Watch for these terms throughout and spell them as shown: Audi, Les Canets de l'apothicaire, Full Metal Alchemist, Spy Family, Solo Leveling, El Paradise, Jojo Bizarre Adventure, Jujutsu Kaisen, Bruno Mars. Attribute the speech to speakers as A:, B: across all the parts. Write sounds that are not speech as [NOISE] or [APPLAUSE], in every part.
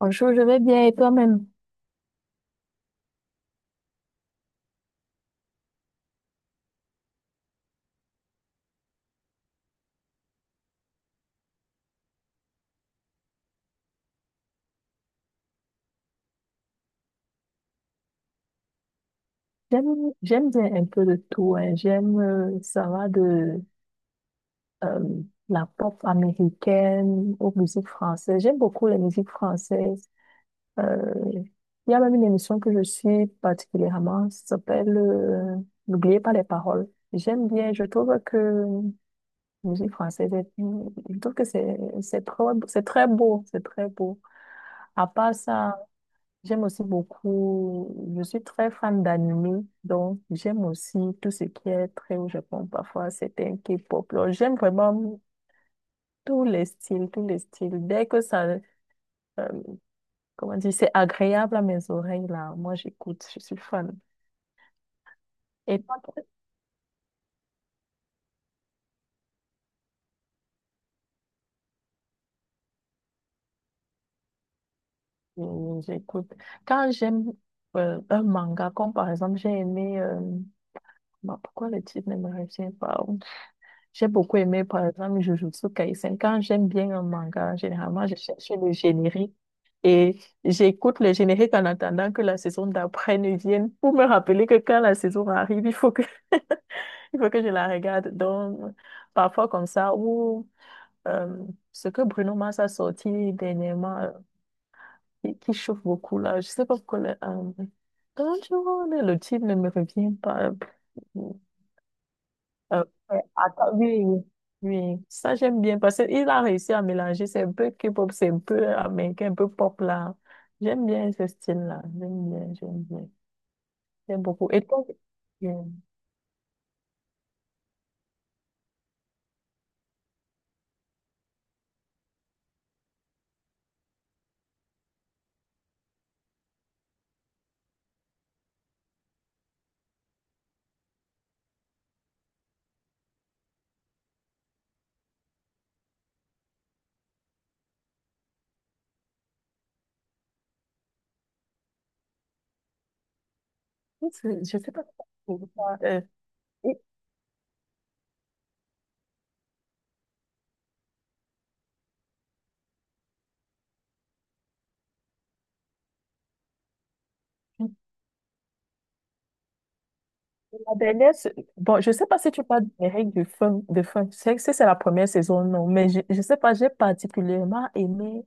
A: Bonjour, je vais bien et toi-même? J'aime, j'aime bien un peu de tout, hein. J'aime, ça va de euh, la pop américaine aux musiques françaises. J'aime beaucoup les musiques françaises. Euh, il y a même une émission que je suis particulièrement, ça s'appelle N'oubliez pas les paroles. J'aime bien, je trouve que la musique française, je trouve que c'est c'est très beau, c'est très beau. À part ça, j'aime aussi beaucoup, je suis très fan d'anime, donc j'aime aussi tout ce qui est très au Japon, parfois c'est un K-pop là. J'aime vraiment tous les styles, tous les styles. Dès que ça, euh, comment dire, c'est agréable à mes oreilles, là, moi j'écoute, je suis fan. Et toi, j'écoute. Quand j'aime un manga, comme par exemple, j'ai aimé, bah, pourquoi le titre ne me revient pas? J'ai beaucoup aimé, par exemple, Jujutsu Kaisen. Quand j'aime bien un manga, généralement, je cherche le générique et j'écoute le générique en attendant que la saison d'après ne vienne pour me rappeler que quand la saison arrive, il faut que, [LAUGHS] il faut que je la regarde. Donc, parfois comme ça, ou euh, ce que Bruno Mars a sorti dernièrement, qui chauffe beaucoup là, je sais pas pourquoi le, Don't you le titre ne me revient pas. Euh, ouais, attends, oui, oui, oui. Ça j'aime bien parce qu'il a réussi à mélanger, c'est un peu K-pop, c'est un peu américain, un peu pop là. J'aime bien ce style-là, j'aime beaucoup. Et toi, euh, je sais pas si tu parles, et- et la dernière, bon, je sais pas si tu parles des règles du funk, de funk, je sais que c'est la première saison, non, mais je sais pas, j'ai particulièrement aimé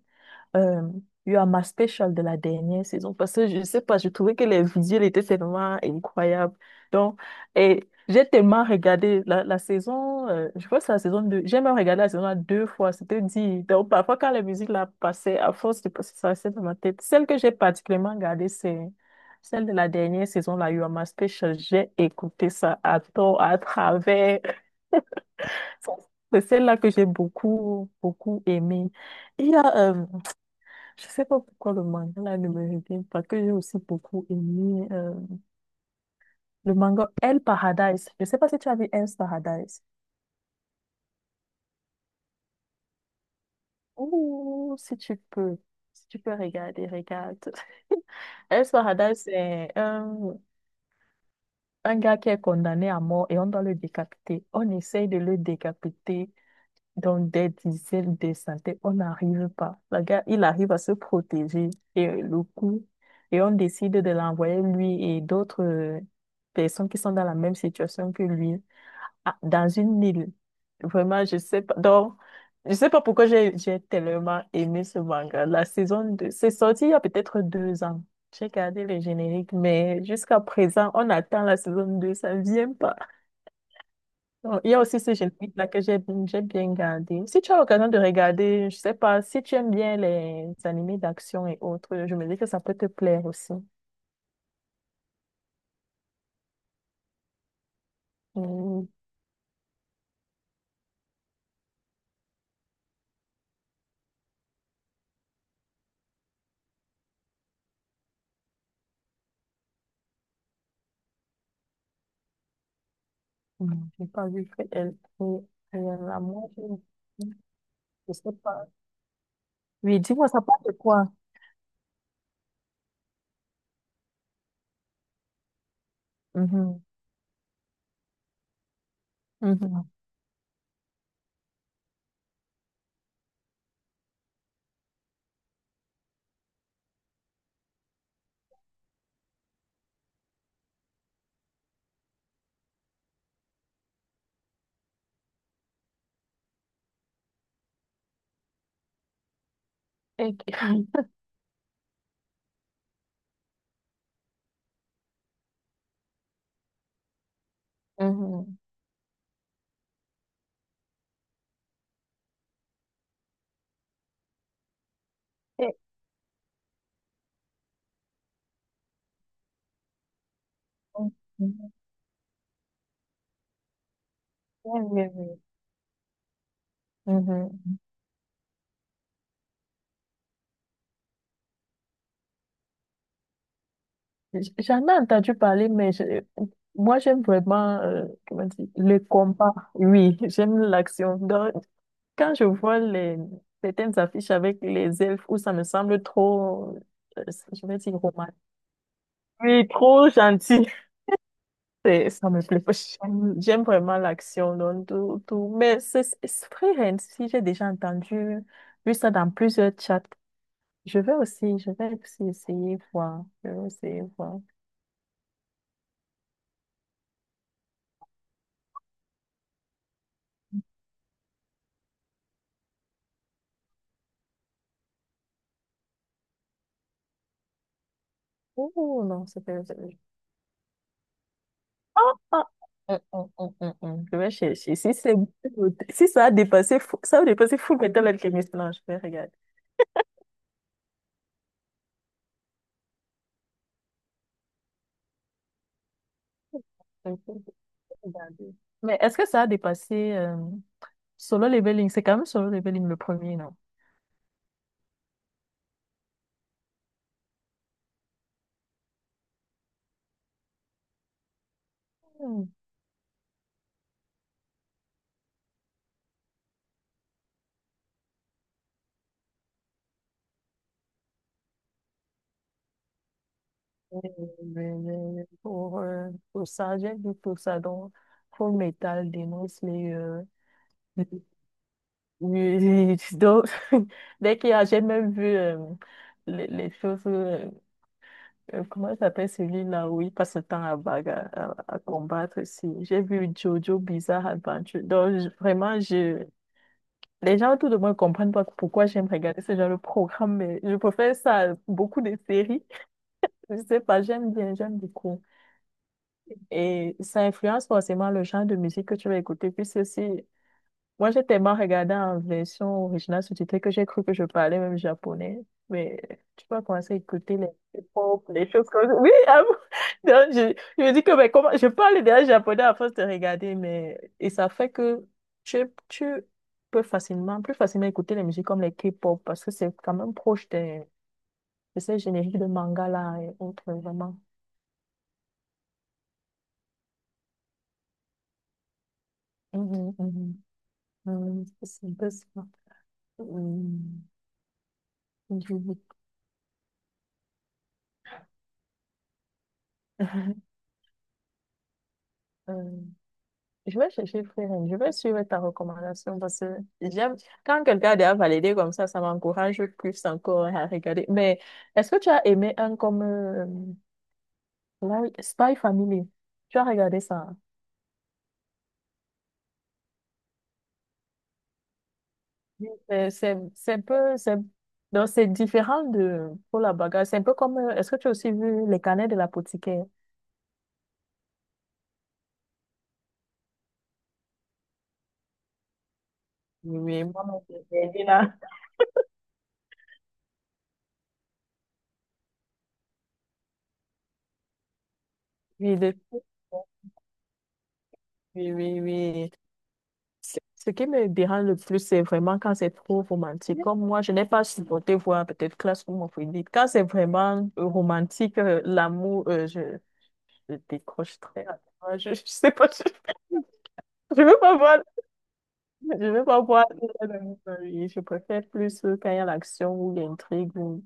A: euh, eu à ma special de la dernière saison parce que je sais pas, je trouvais que les visuels étaient tellement incroyables. Donc, et j'ai tellement regardé la saison, je crois que c'est la saison deux, j'ai même regardé la saison 1 deux fois, c'était dit. Donc, parfois, quand la musique la passait, à force de passer, ça restait dans ma tête. Celle que j'ai particulièrement regardée, c'est celle de la dernière saison, la You Are My Special. J'ai écouté ça à tort, à travers. [LAUGHS] C'est celle-là que j'ai beaucoup, beaucoup aimée. Il y a je sais pas pourquoi le manga là ne me revient pas, que j'ai aussi beaucoup aimé le manga El Paradise. Je sais pas si tu as vu El Paradise. Ouh, si tu peux, si tu peux regarder, regarde. [LAUGHS] El Paradise, c'est un gars qui est condamné à mort et on doit le décapiter. On essaye de le décapiter. Donc, des dizaines de centaines, on n'arrive pas. Le gars, il arrive à se protéger et et on décide de l'envoyer lui et d'autres personnes qui sont dans la même situation que lui dans une île. Vraiment, je sais pas. Donc, je sais pas pourquoi j'ai tellement aimé ce manga. La saison 2, c'est sorti il y a peut-être deux ans. J'ai gardé le générique, mais jusqu'à présent, on attend la saison 2, ça ne vient pas. Bon, il y a aussi ce générique-là que j'ai bien gardé. Si tu as l'occasion de regarder, je sais pas, si tu aimes bien les animés d'action et autres, je me dis que ça peut te plaire aussi. Hum, j'ai pas vu. Elle- Elle est là, moi, je sais pas. Oui, dis-moi, ça parle de quoi? Mhm, mhm. Et- [LAUGHS] Mhm. Et- Mhm. Oui, oui, oui. Mhm. J- J'en ai entendu parler, mais moi, j'aime vraiment, comment dire, le combat. Oui, [LAUGHS] j'aime l'action. Donc, quand je vois certaines affiches avec les elfes où ça me semble trop, euh, je vais dire romantique. Oui, trop gentil. Ça me plaît pas. J'aime vraiment l'action, donc tout, tout. Mais c'est vrai, hein, si j'ai déjà entendu, vu ça dans plusieurs chats. Je vais aussi essayer voir. Je vais essayer voir. Oh non, c'est pas... Ah, ah, hum. Je vais chercher. Si, si ça a dépassé, ça a dépassé Full Metal Alchemist, non, je vais regarder. Je vais regarder. Mais est-ce que ça a dépassé Solo Leveling? C'est quand même Solo Leveling le premier, non? Hmm. Pour, pour ça, j'ai vu pour ça, donc Full Metal dénonce les, donc, [LAUGHS] dès qu'il y a, j'ai même vu les choses. Comment s'appelle celui-là où il passe son temps à, à combattre aussi. J'ai vu Jojo Bizarre Adventure. Donc, vraiment, je... les gens autour de moi ne comprennent pas pourquoi j'aime regarder ce genre de programme, mais je préfère ça à beaucoup de séries. Je sais pas, j'aime bien, j'aime beaucoup. Et ça influence forcément le genre de musique que tu vas écouter. Puis c'est aussi moi, j'ai tellement regardé en version originale sous-titrée que j'ai cru que je parlais même japonais. Mais tu peux commencer à écouter les pop, les choses comme ça. Oui, ah bon. [LAUGHS] Donc, je me dis que mais comment... je parle déjà japonais à force de regarder. Mais... Et ça fait que tu, tu peux facilement, plus facilement écouter les musiques comme les K-pop parce que c'est quand même proche de, ces génériques de manga là et autres, vraiment. Mhm, mhm. Mhm, c'est un peu ça. Mhm. Je- [LAUGHS] euh, je vais chercher Freeline, je vais suivre ta recommandation parce que j'aime quand quelqu'un a déjà validé comme ça m'encourage plus encore à regarder. Mais est-ce que tu as aimé un comme Spy Family? Tu as regardé ça? Oui. C'est un peu, c'est donc c'est différent de pour la bagarre. C'est un peu comme, est-ce que tu as aussi vu Les Canets de l'apothicaire? Oui, oui, moi, j'ai aimé là. Oui, oui, oui, oui. Ce qui me dérange le plus, c'est vraiment quand c'est trop romantique. Comme moi, je n'ai pas supporté voir peut-être Classroom of. Quand c'est vraiment romantique, l'amour, je décroche très rapidement. Je sais pas, [LAUGHS] je veux pas voir, je veux pas voir de l'amour dans la vie. Je préfère plus quand il y a l'action ou l'intrigue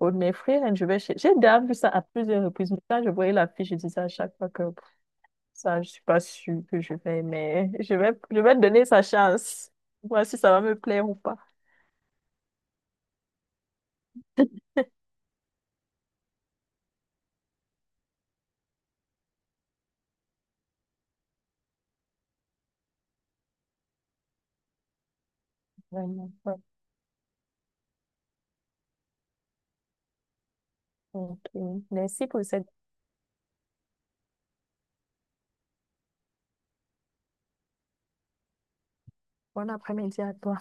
A: ou de mes frères, hein, j'ai déjà vu ça à plusieurs reprises. Mais quand je voyais la fille, je disais à chaque fois que pff, ça, je suis pas sûre que je vais, mais je vais donner sa chance. Voir si ça va me plaire ou pas. Vraiment pas. Ok. Merci pour cette bonne après-midi à toi.